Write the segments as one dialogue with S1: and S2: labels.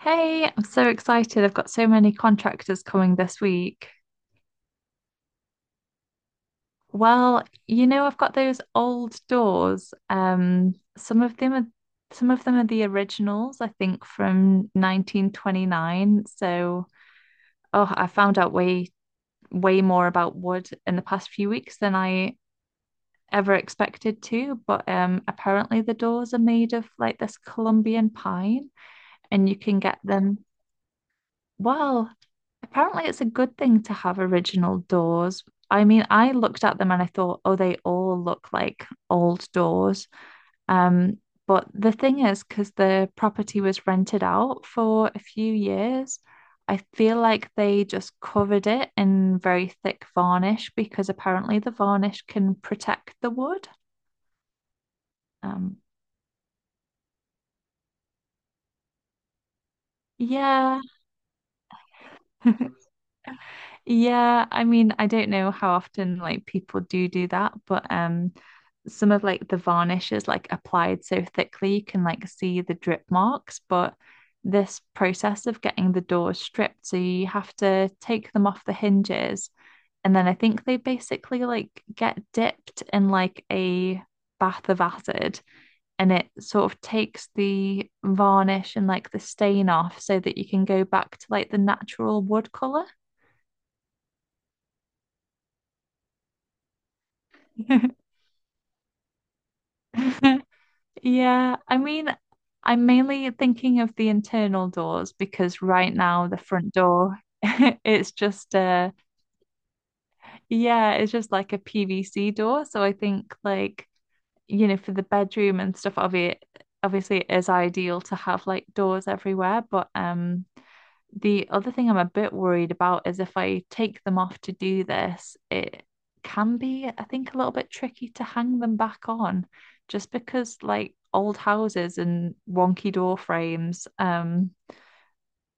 S1: Hey, I'm so excited. I've got so many contractors coming this week. Well, you know, I've got those old doors. Some of them are the originals, I think, from 1929. I found out way more about wood in the past few weeks than I ever expected to, but apparently the doors are made of like this Colombian pine and you can get them. Well, apparently it's a good thing to have original doors. I mean, I looked at them and I thought, oh, they all look like old doors. Um, but the thing is, because the property was rented out for a few years, I feel like they just covered it in very thick varnish because apparently the varnish can protect the wood. Um, yeah. Yeah, I mean, I don't know how often like people do do that, but some of like the varnish is like applied so thickly you can like see the drip marks. But this process of getting the doors stripped, so you have to take them off the hinges, and then I think they basically like get dipped in like a bath of acid, and it sort of takes the varnish and like the stain off so that you can go back to like the natural wood color. Yeah, I mean, I'm mainly thinking of the internal doors because right now the front door it's just yeah, it's just like a PVC door. So I think like, you know, for the bedroom and stuff, obviously it is ideal to have like doors everywhere, but the other thing I'm a bit worried about is if I take them off to do this, it can be, I think, a little bit tricky to hang them back on just because, like, old houses and wonky door frames.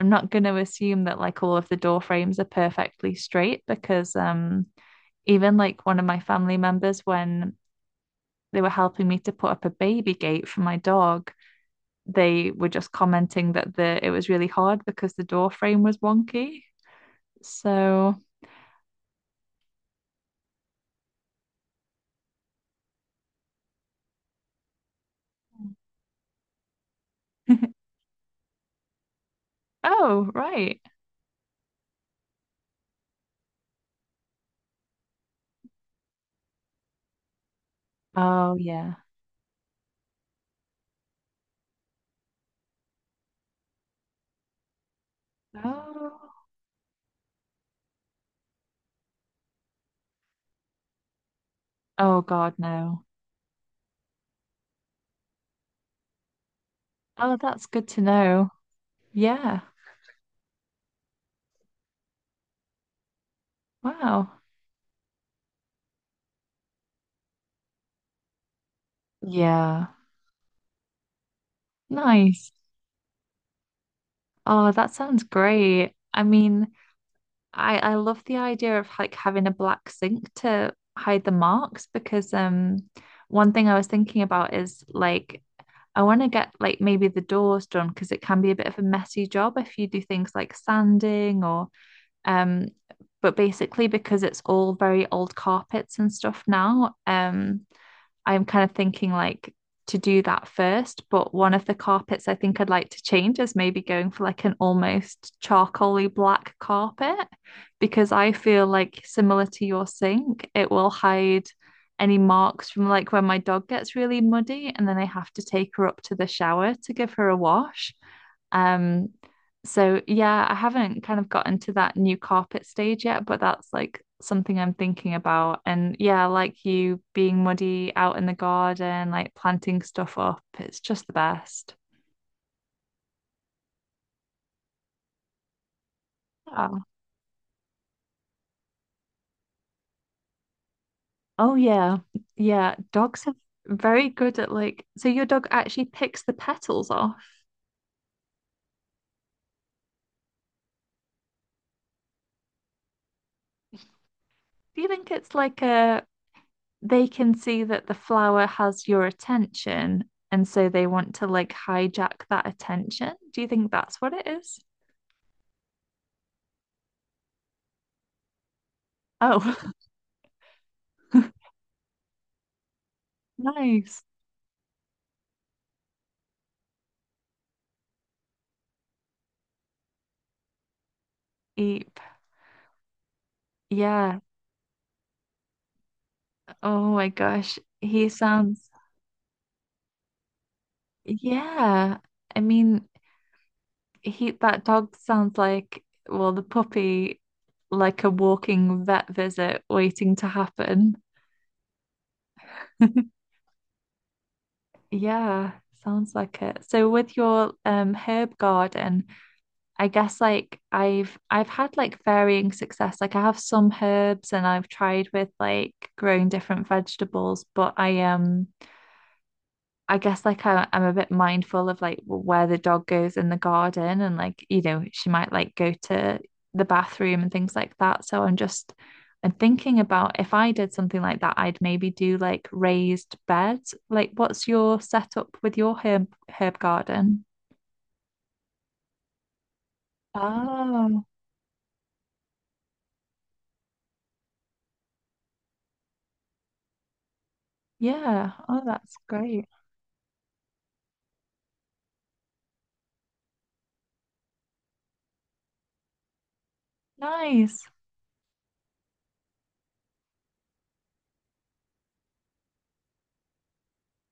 S1: I'm not going to assume that, like, all of the door frames are perfectly straight because, even like one of my family members, when they were helping me to put up a baby gate for my dog, they were just commenting that the it was really hard because the door frame was wonky. So. Oh, right. Oh, yeah. Oh, oh God, no. Oh, that's good to know. Yeah. Wow. Yeah. Nice. Oh, that sounds great. I mean, I love the idea of like having a black sink to hide the marks because one thing I was thinking about is like I want to get like maybe the doors done because it can be a bit of a messy job if you do things like sanding or. Um, but basically, because it's all very old carpets and stuff now, I'm kind of thinking like to do that first. But one of the carpets I think I'd like to change is maybe going for like an almost charcoaly black carpet, because I feel like similar to your sink, it will hide any marks from like when my dog gets really muddy and then I have to take her up to the shower to give her a wash. Um, so yeah, I haven't kind of gotten to that new carpet stage yet, but that's like something I'm thinking about. And yeah, like you being muddy out in the garden, like planting stuff up, it's just the best. Wow. Oh yeah. Yeah, dogs are very good at like, so your dog actually picks the petals off. Do you think it's like a they can see that the flower has your attention and so they want to like hijack that attention? Do you think that's what it is? Oh, nice. Eep. Yeah. Oh my gosh. He sounds, yeah. I mean, he that dog sounds like, well, the puppy, like a walking vet visit waiting to happen. Yeah, sounds like it. So with your herb garden, I guess like I've had like varying success. Like I have some herbs and I've tried with like growing different vegetables, but I guess like I'm a bit mindful of like where the dog goes in the garden and like, you know, she might like go to the bathroom and things like that. So I'm just I'm thinking about if I did something like that, I'd maybe do like raised beds. Like what's your setup with your herb garden? Oh, yeah. Oh, that's great. Nice.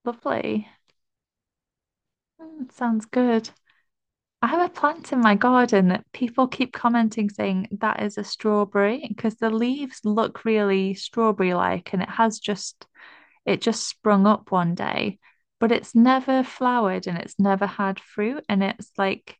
S1: Lovely. Mm, sounds good. I have a plant in my garden that people keep commenting saying that is a strawberry because the leaves look really strawberry-like and it has just it just sprung up one day, but it's never flowered and it's never had fruit and it's like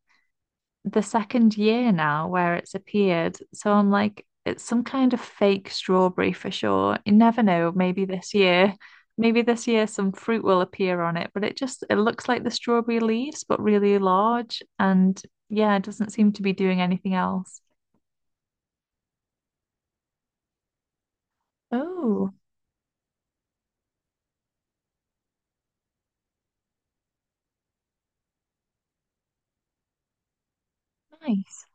S1: the second year now where it's appeared. So I'm like, it's some kind of fake strawberry for sure. You never know. Maybe this year some fruit will appear on it, but it just it looks like the strawberry leaves, but really large. And yeah, it doesn't seem to be doing anything else. Oh, nice.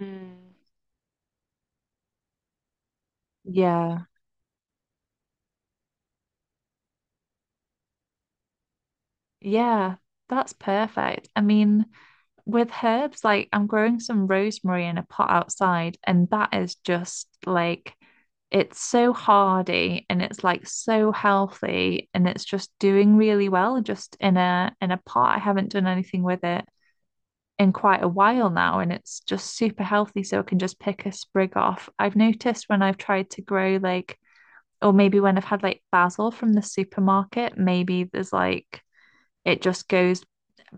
S1: Mm. Yeah. Yeah. That's perfect. I mean, with herbs, like I'm growing some rosemary in a pot outside, and that is just like it's so hardy and it's like so healthy and it's just doing really well just in a pot. I haven't done anything with it in quite a while now and it's just super healthy so I can just pick a sprig off. I've noticed when I've tried to grow like or maybe when I've had like basil from the supermarket, maybe there's like it just goes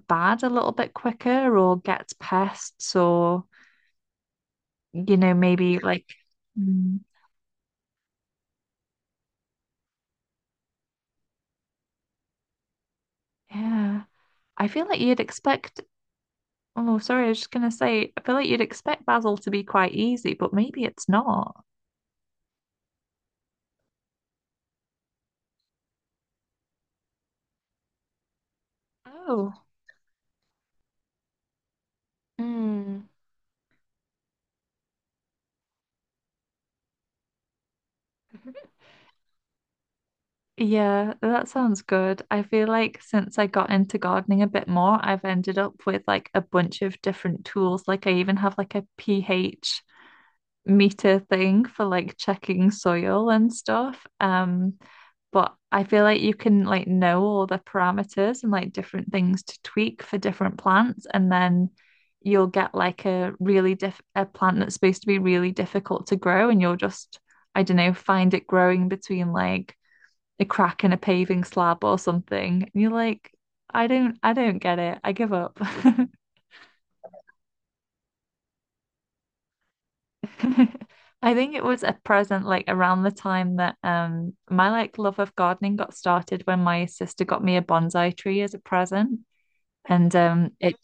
S1: bad a little bit quicker or gets pests or, you know, maybe like, mm, yeah. I feel like you'd expect, oh, sorry, I was just gonna say, I feel like you'd expect basil to be quite easy, but maybe it's not. Oh. Mm. Yeah, that sounds good. I feel like since I got into gardening a bit more, I've ended up with like a bunch of different tools. Like I even have like a pH meter thing for like checking soil and stuff. But I feel like you can like know all the parameters and like different things to tweak for different plants, and then you'll get like a really diff a plant that's supposed to be really difficult to grow, and you'll just, I don't know, find it growing between like a crack in a paving slab or something. And you're like, I don't get it. I give up. I think it was a present like around the time that my like love of gardening got started when my sister got me a bonsai tree as a present. And it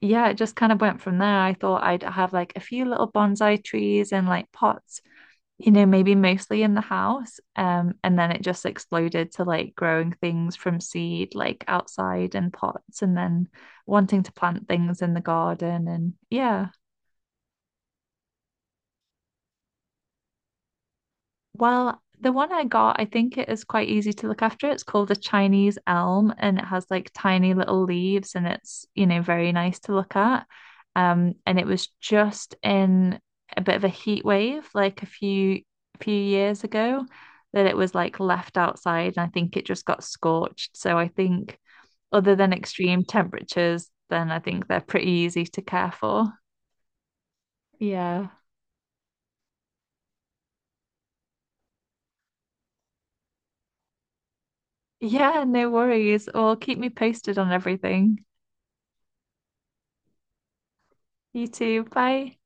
S1: yeah, it just kind of went from there. I thought I'd have like a few little bonsai trees and like pots, you know, maybe mostly in the house. And then it just exploded to like growing things from seed, like outside in pots, and then wanting to plant things in the garden. And yeah. Well, the one I got, I think it is quite easy to look after. It's called a Chinese elm and it has like tiny little leaves and it's, you know, very nice to look at. And it was just in a bit of a heat wave like a few few years ago that it was like left outside and I think it just got scorched. So I think other than extreme temperatures, then I think they're pretty easy to care for. Yeah. Yeah, no worries. Well, keep me posted on everything. You too. Bye.